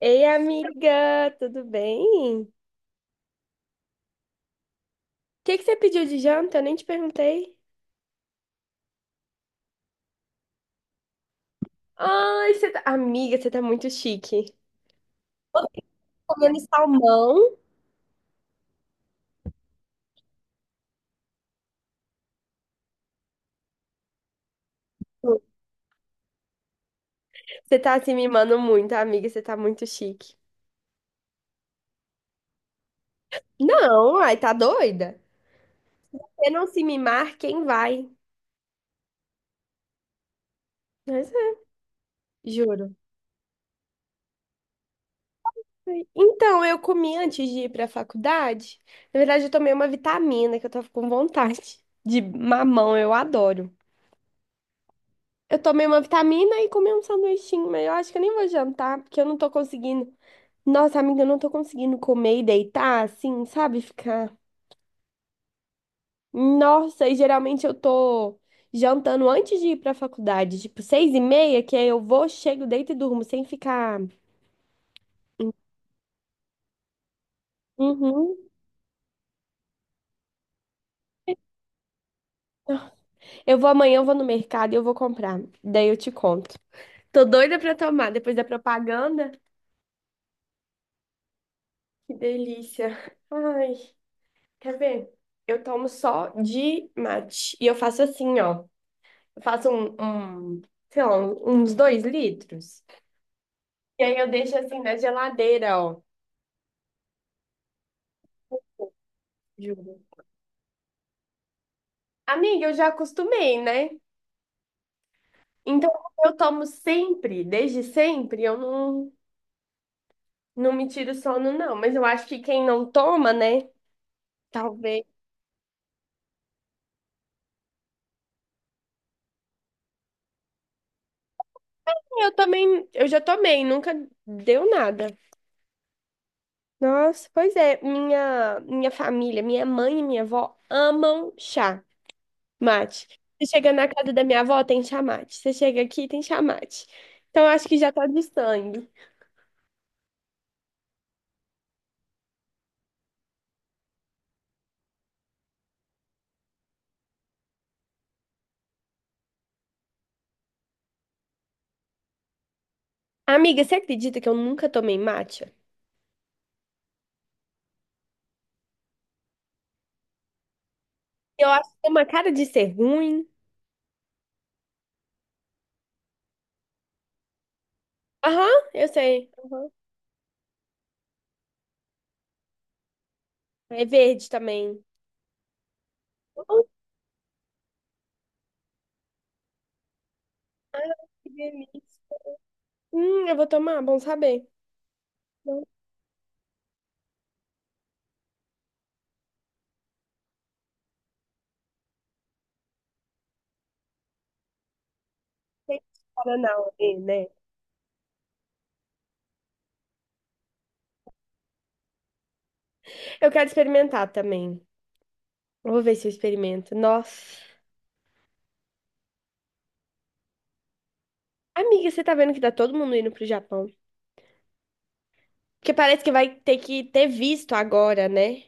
Ei, amiga, tudo bem? O que que você pediu de janta? Eu nem te perguntei. Ai, você tá... Amiga, você tá muito chique. Você comendo salmão? Você tá se mimando muito, amiga, você tá muito chique. Não, ai, tá doida? Se não se mimar, quem vai? Mas é, juro. Então, eu comi antes de ir pra faculdade. Na verdade, eu tomei uma vitamina que eu tava com vontade. De mamão, eu adoro. Eu tomei uma vitamina e comi um sanduichinho, mas eu acho que eu nem vou jantar, porque eu não tô conseguindo. Nossa, amiga, eu não tô conseguindo comer e deitar assim, sabe? Ficar. Nossa, e geralmente eu tô jantando antes de ir pra faculdade, tipo 6h30, que aí eu vou, chego, deito e durmo, sem ficar. Uhum. Eu vou amanhã, eu vou no mercado e eu vou comprar. Daí eu te conto. Tô doida pra tomar depois da propaganda. Que delícia. Ai, quer ver? Eu tomo só de mate. E eu faço assim, ó. Faço sei lá, uns 2 litros. E aí eu deixo assim na geladeira, ó. Juro. Amiga, eu já acostumei, né? Então, como eu tomo sempre, desde sempre, eu não, não me tiro sono, não. Mas eu acho que quem não toma, né? Talvez. Eu também, eu já tomei, nunca deu nada. Nossa, pois é, minha família, minha mãe e minha avó amam chá. Mate. Você chega na casa da minha avó, tem chamate. Você chega aqui, tem chamate. Então, eu acho que já tá de sangue. Amiga, você acredita que eu nunca tomei matcha? Eu acho que tem uma cara de ser ruim. Aham, eu sei. Aham. É verde também. Hum, Ah, que delícia. Eu vou tomar, bom saber. Não tem Guaraná aí, né? Eu quero experimentar também. Eu vou ver se eu experimento. Nossa. Amiga, você tá vendo que tá todo mundo indo pro Japão? Porque parece que vai ter que ter visto agora, né?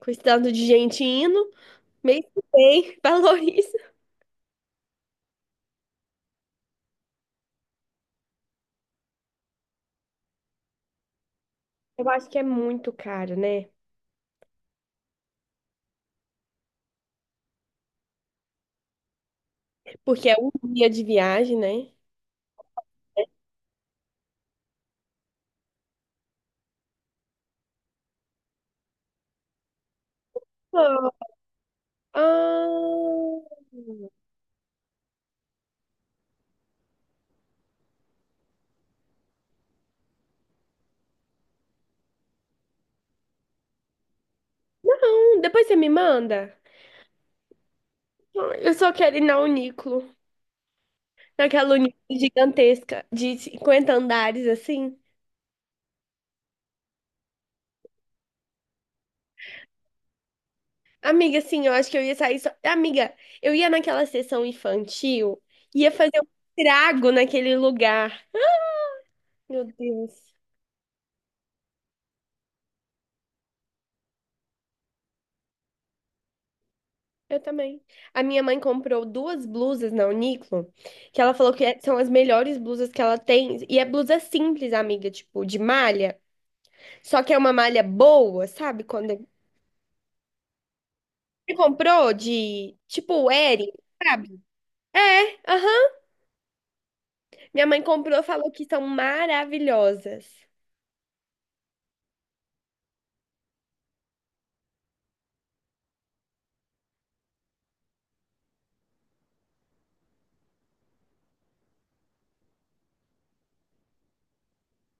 Quantidade de gente indo, mês que vem, valoriza. Eu acho que é muito caro, né? Porque é um dia de viagem, né? Ah, ah, não, depois você me manda. Eu só quero ir na Uniclo, naquela Uniclo gigantesca de 50 andares, assim. Amiga, sim, eu acho que eu ia sair só... Amiga, eu ia naquela sessão infantil, ia fazer um estrago naquele lugar. Meu Deus. Eu também. A minha mãe comprou duas blusas na Uniqlo, que ela falou são as melhores blusas que ela tem. E é blusa simples, amiga, tipo, de malha. Só que é uma malha boa, sabe? Quando você comprou de, tipo, Eri, sabe? É, aham. Minha mãe comprou, falou que são maravilhosas.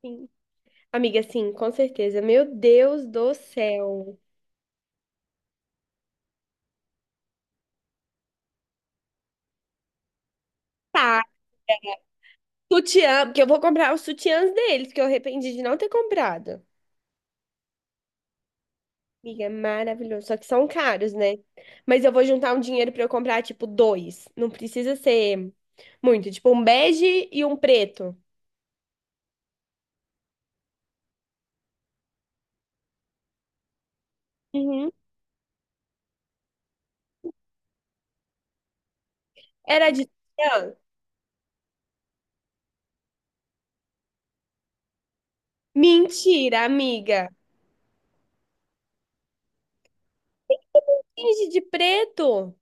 Sim. Amiga, sim, com certeza. Meu Deus do céu. Tá, sutiã, porque eu vou comprar os sutiãs deles, que eu arrependi de não ter comprado. Amiga, é maravilhoso. Só que são caros, né? Mas eu vou juntar um dinheiro pra eu comprar, tipo, dois. Não precisa ser muito. Tipo, um bege e um preto. Uhum. Era de titã? Mentira, amiga. Finge de preto.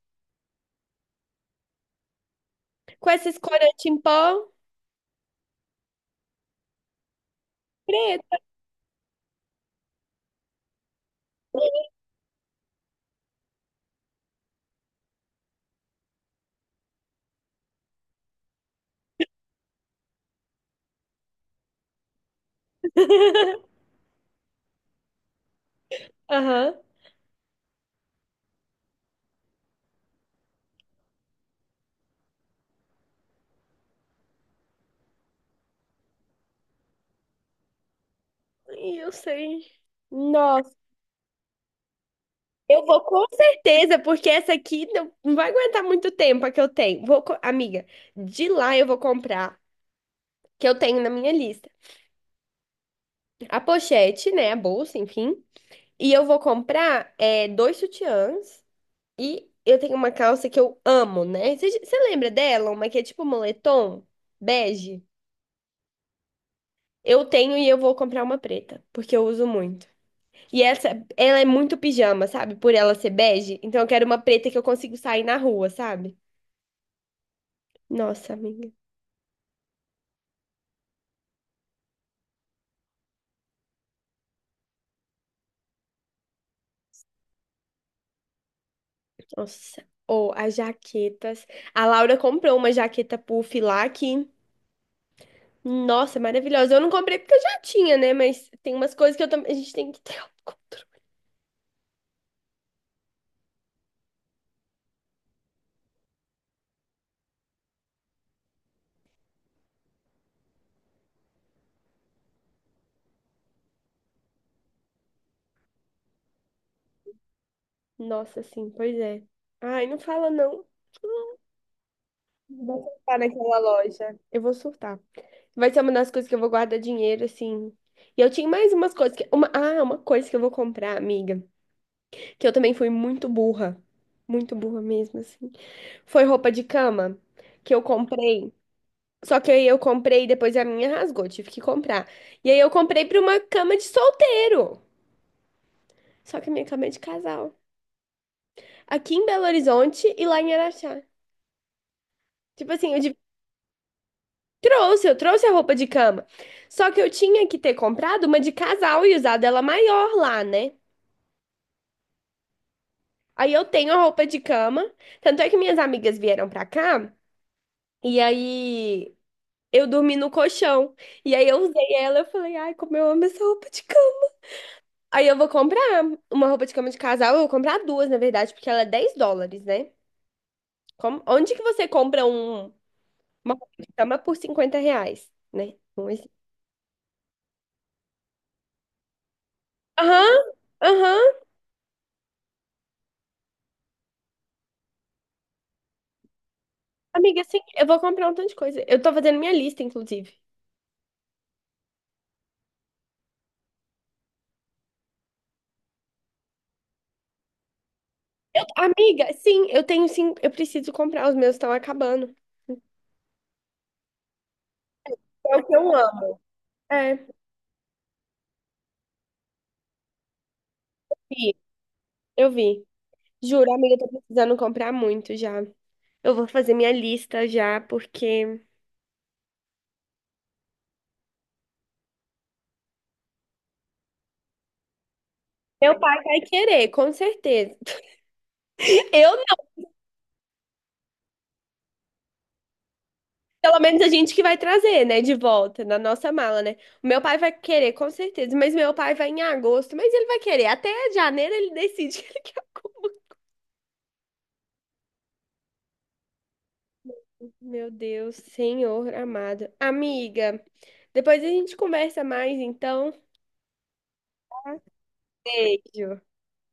Com esses corantes em pó. Preto. Aham. Ih, eu sei. Nossa, eu vou com certeza, porque essa aqui não vai aguentar muito tempo a que eu tenho. Amiga, de lá eu vou comprar, que eu tenho na minha lista. A pochete, né? A bolsa, enfim. E eu vou comprar é, dois sutiãs. E eu tenho uma calça que eu amo, né? Você lembra dela? Uma que é tipo moletom, bege? Eu tenho e eu vou comprar uma preta, porque eu uso muito. E essa, ela é muito pijama, sabe? Por ela ser bege. Então eu quero uma preta que eu consigo sair na rua, sabe? Nossa, amiga. Nossa. Ou as jaquetas. A Laura comprou uma jaqueta puff lá que. Nossa, maravilhosa. Eu não comprei porque eu já tinha, né? Mas tem umas coisas que eu também. A gente tem que ter autocontrole. Nossa, sim, pois é. Ai, não fala não. Eu vou surtar naquela loja. Eu vou surtar. Vai ser uma das coisas que eu vou guardar dinheiro, assim. E eu tinha mais umas coisas que. Uma... Ah, uma coisa que eu vou comprar, amiga. Que eu também fui muito burra. Muito burra mesmo, assim. Foi roupa de cama que eu comprei. Só que aí eu comprei e depois a minha rasgou, tive que comprar. E aí eu comprei pra uma cama de solteiro. Só que eu me acabei de casar. Aqui em Belo Horizonte e lá em Araxá. Tipo assim, eu de- trouxe, eu trouxe a roupa de cama. Só que eu tinha que ter comprado uma de casal e usado ela maior lá, né? Aí eu tenho a roupa de cama. Tanto é que minhas amigas vieram pra cá e aí eu dormi no colchão. E aí eu usei ela, eu falei, ai, como eu amo essa roupa de cama. Aí eu vou comprar uma roupa de cama de casal, eu vou comprar duas, na verdade, porque ela é 10 dólares, né? Onde que você compra um uma chama por R$ 50, né? Vamos assim. Aham, aham. Amiga, sim, eu vou comprar um tanto de coisa. Eu tô fazendo minha lista, inclusive. Amiga, sim, eu tenho sim, eu preciso comprar, os meus estão acabando. É o que eu amo. É, vi, eu vi. Juro, amiga, eu tô precisando comprar muito já. Eu vou fazer minha lista já, porque meu pai vai querer, com certeza. Eu pelo menos a gente que vai trazer, né, de volta na nossa mala, né? O meu pai vai querer, com certeza, mas meu pai vai em agosto, mas ele vai querer. Até janeiro ele decide que ele quer alguma. Meu Deus, Senhor amado. Amiga, depois a gente conversa mais, então. Beijo.